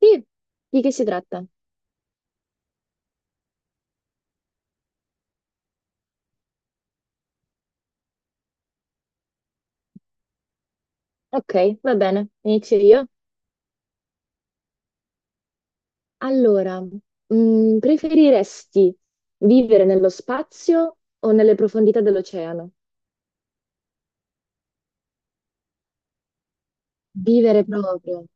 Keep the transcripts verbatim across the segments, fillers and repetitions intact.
Sì, di che si tratta? Ok, va bene, inizio io. Allora, mm, preferiresti vivere nello spazio o nelle profondità dell'oceano? Vivere proprio.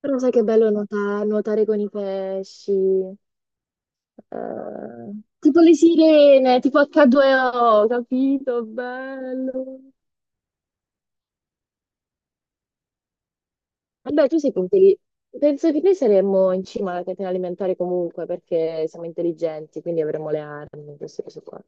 Però sai che bello nuota- nuotare con i pesci, eh, tipo le sirene, tipo acca due o, capito? Bello. Vabbè, tu sei intelligente. Penso che noi saremmo in cima alla catena alimentare comunque perché siamo intelligenti, quindi avremo le armi, queste cose qua.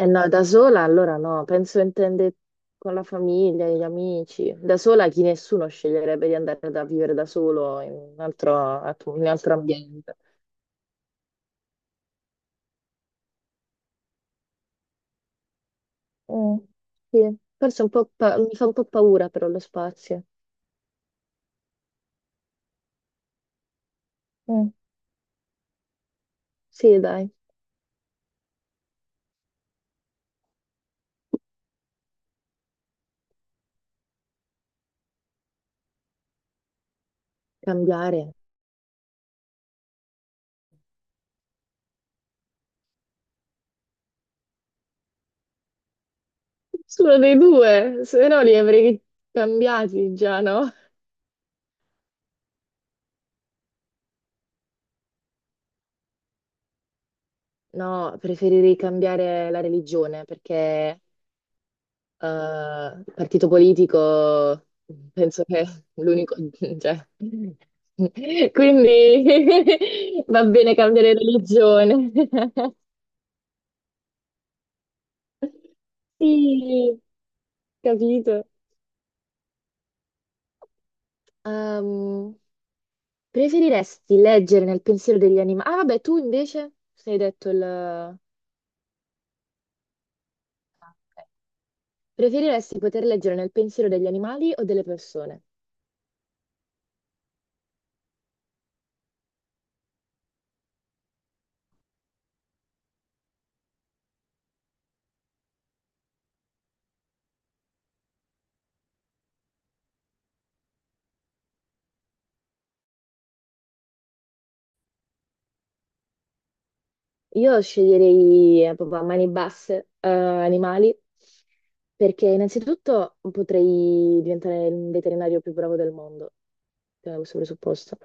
Eh no, da sola allora no, penso intende con la famiglia, gli amici. Da sola chi nessuno sceglierebbe di andare da vivere da solo in un altro, atmo- in un altro ambiente. Mm, sì, forse un po' pa- mi fa un po' paura però lo spazio. Mm, sì, dai, cambiare. Solo dei due, se no li avrei cambiati già, no? No, preferirei cambiare la religione perché eh, partito politico, penso che è l'unico, cioè. Quindi va bene cambiare religione. Sì, capito. Ehm, preferiresti leggere nel pensiero degli animali? Ah, vabbè, tu invece sei detto il... Ah, ok. Preferiresti poter leggere nel pensiero degli animali o delle persone? Io sceglierei eh, proprio a mani basse eh, animali perché innanzitutto potrei diventare il veterinario più bravo del mondo, da questo presupposto.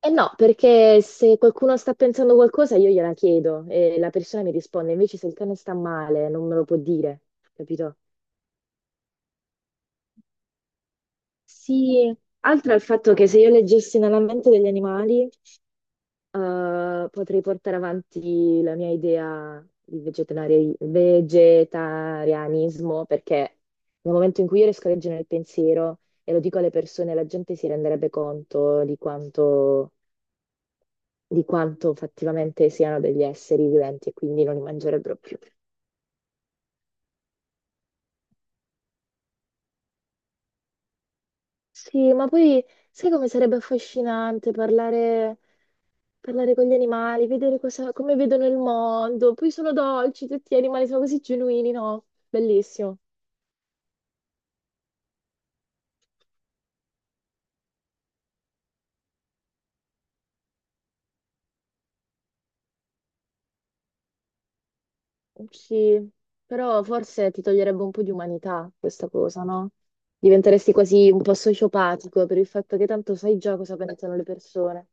E no, perché se qualcuno sta pensando qualcosa io gliela chiedo e la persona mi risponde, invece se il cane sta male non me lo può dire, capito? Sì, altro è il fatto che se io leggessi nella mente degli animali eh, potrei portare avanti la mia idea di vegetari- vegetarianismo perché nel momento in cui io riesco a leggere il pensiero e lo dico alle persone, la gente si renderebbe conto di quanto, di quanto fattivamente siano degli esseri viventi e quindi non li mangerebbero più. Sì, ma poi sai come sarebbe affascinante parlare, parlare con gli animali, vedere cosa- come vedono il mondo, poi sono dolci, tutti gli animali sono così genuini, no? Bellissimo. Sì, però forse ti toglierebbe un po' di umanità questa cosa, no? Diventeresti quasi un po' sociopatico per il fatto che tanto sai già cosa pensano le persone.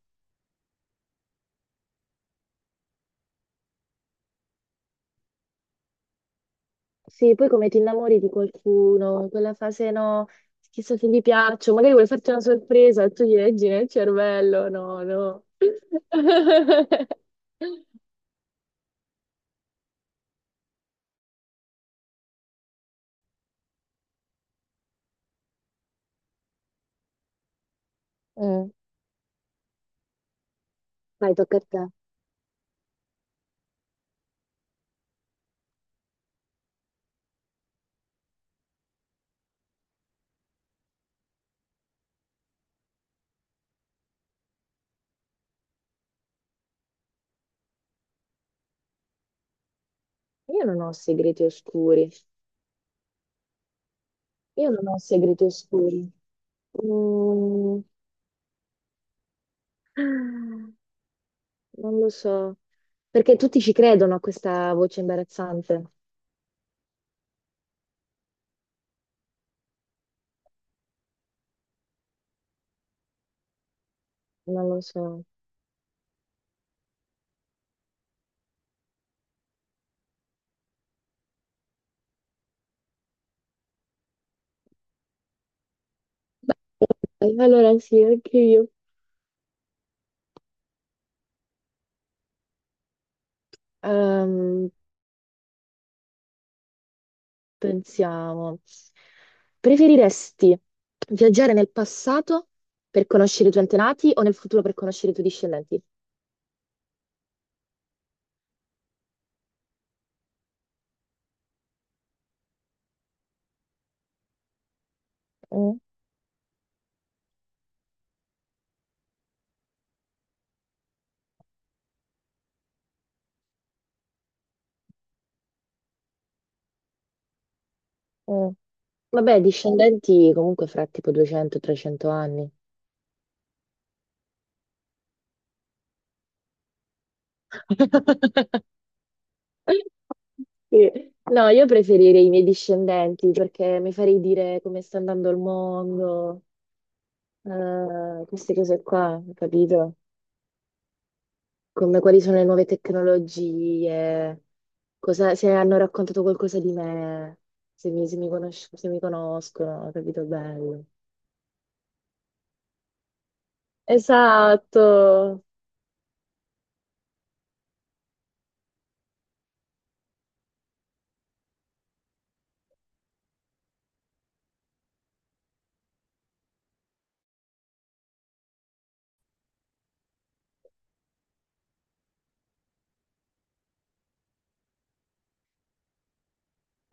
Sì, poi come ti innamori di qualcuno, in quella fase no, chissà se gli piaccio, magari vuoi farti una sorpresa e tu gli leggi nel cervello, no, no. Mm. Vai, tocca a te. Io non ho segreti oscuri. Io non ho segreti oscuri. Mm, non lo so, perché tutti ci credono a questa voce imbarazzante, non lo so. Beh, allora sì, anche io. Ehm, pensiamo. Preferiresti viaggiare nel passato per conoscere i tuoi antenati o nel futuro per conoscere i tuoi discendenti? Mm, mm. Vabbè, discendenti comunque fra tipo duecento e trecento anni. Sì. No, io preferirei i miei discendenti perché mi farei dire come sta andando il mondo, eh, queste cose qua, capito? Come quali sono le nuove tecnologie, cosa- se hanno raccontato qualcosa di me, se mi, se mi conosc- se mi conoscono, capito? Bello. Esatto.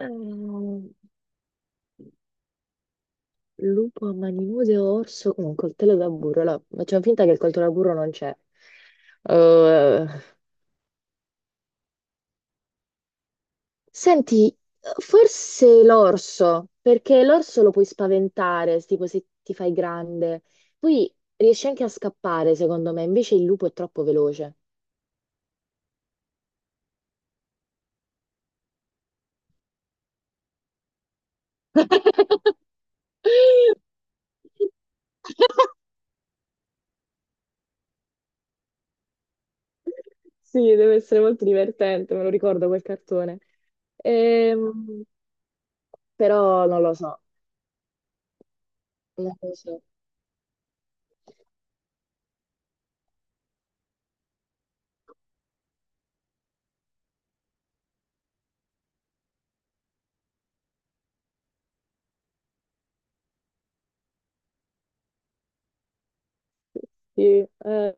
Ehm, lupo a mani nude o orso con un coltello da burro? Allora, facciamo finta che il coltello da burro non c'è. Eh, Senti, forse l'orso, perché l'orso lo puoi spaventare, tipo se ti fai grande. Poi riesci anche a scappare, secondo me, invece il lupo è troppo veloce. Sì, deve essere molto divertente, me lo ricordo quel cartone. Ehm, però non lo so, non lo so. Sì, eh,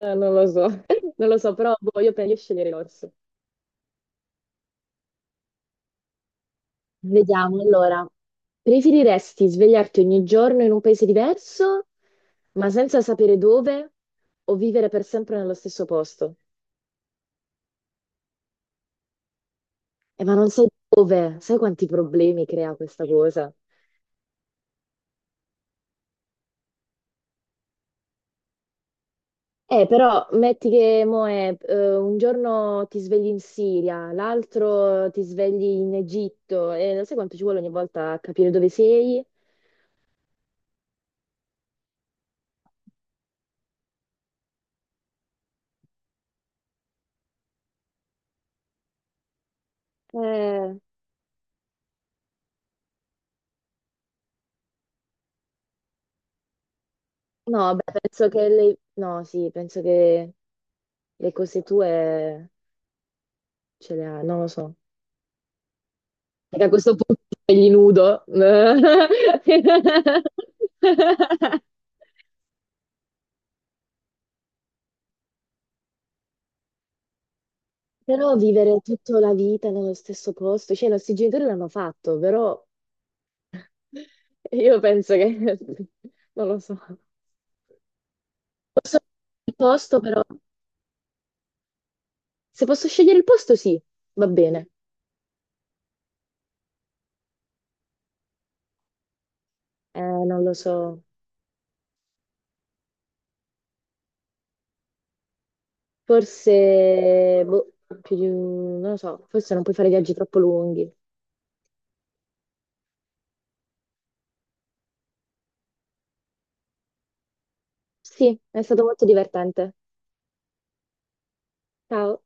eh, non lo so, non lo so, però boh, io penso di scegliere l'orso. Vediamo allora. Preferiresti svegliarti ogni giorno in un paese diverso, ma senza sapere dove, o vivere per sempre nello stesso posto? Eh, ma non sai dove, sai quanti problemi crea questa cosa? Eh, però metti che mo è, eh, un giorno ti svegli in Siria, l'altro ti svegli in Egitto, e sai quanto ci vuole ogni volta a capire dove sei? Eh, no, beh, penso che le... No, sì, penso che le cose tue ce le ha, non lo so. Perché a questo punto gli nudo. Però vivere tutta la vita nello stesso posto, cioè i nostri genitori l'hanno fatto, però io penso che... non lo so. Il posto però, se posso scegliere il posto sì, va bene. Eh, non lo so. Forse, boh, più di un- non lo so, forse non puoi fare viaggi troppo lunghi. Sì, è stato molto divertente. Ciao.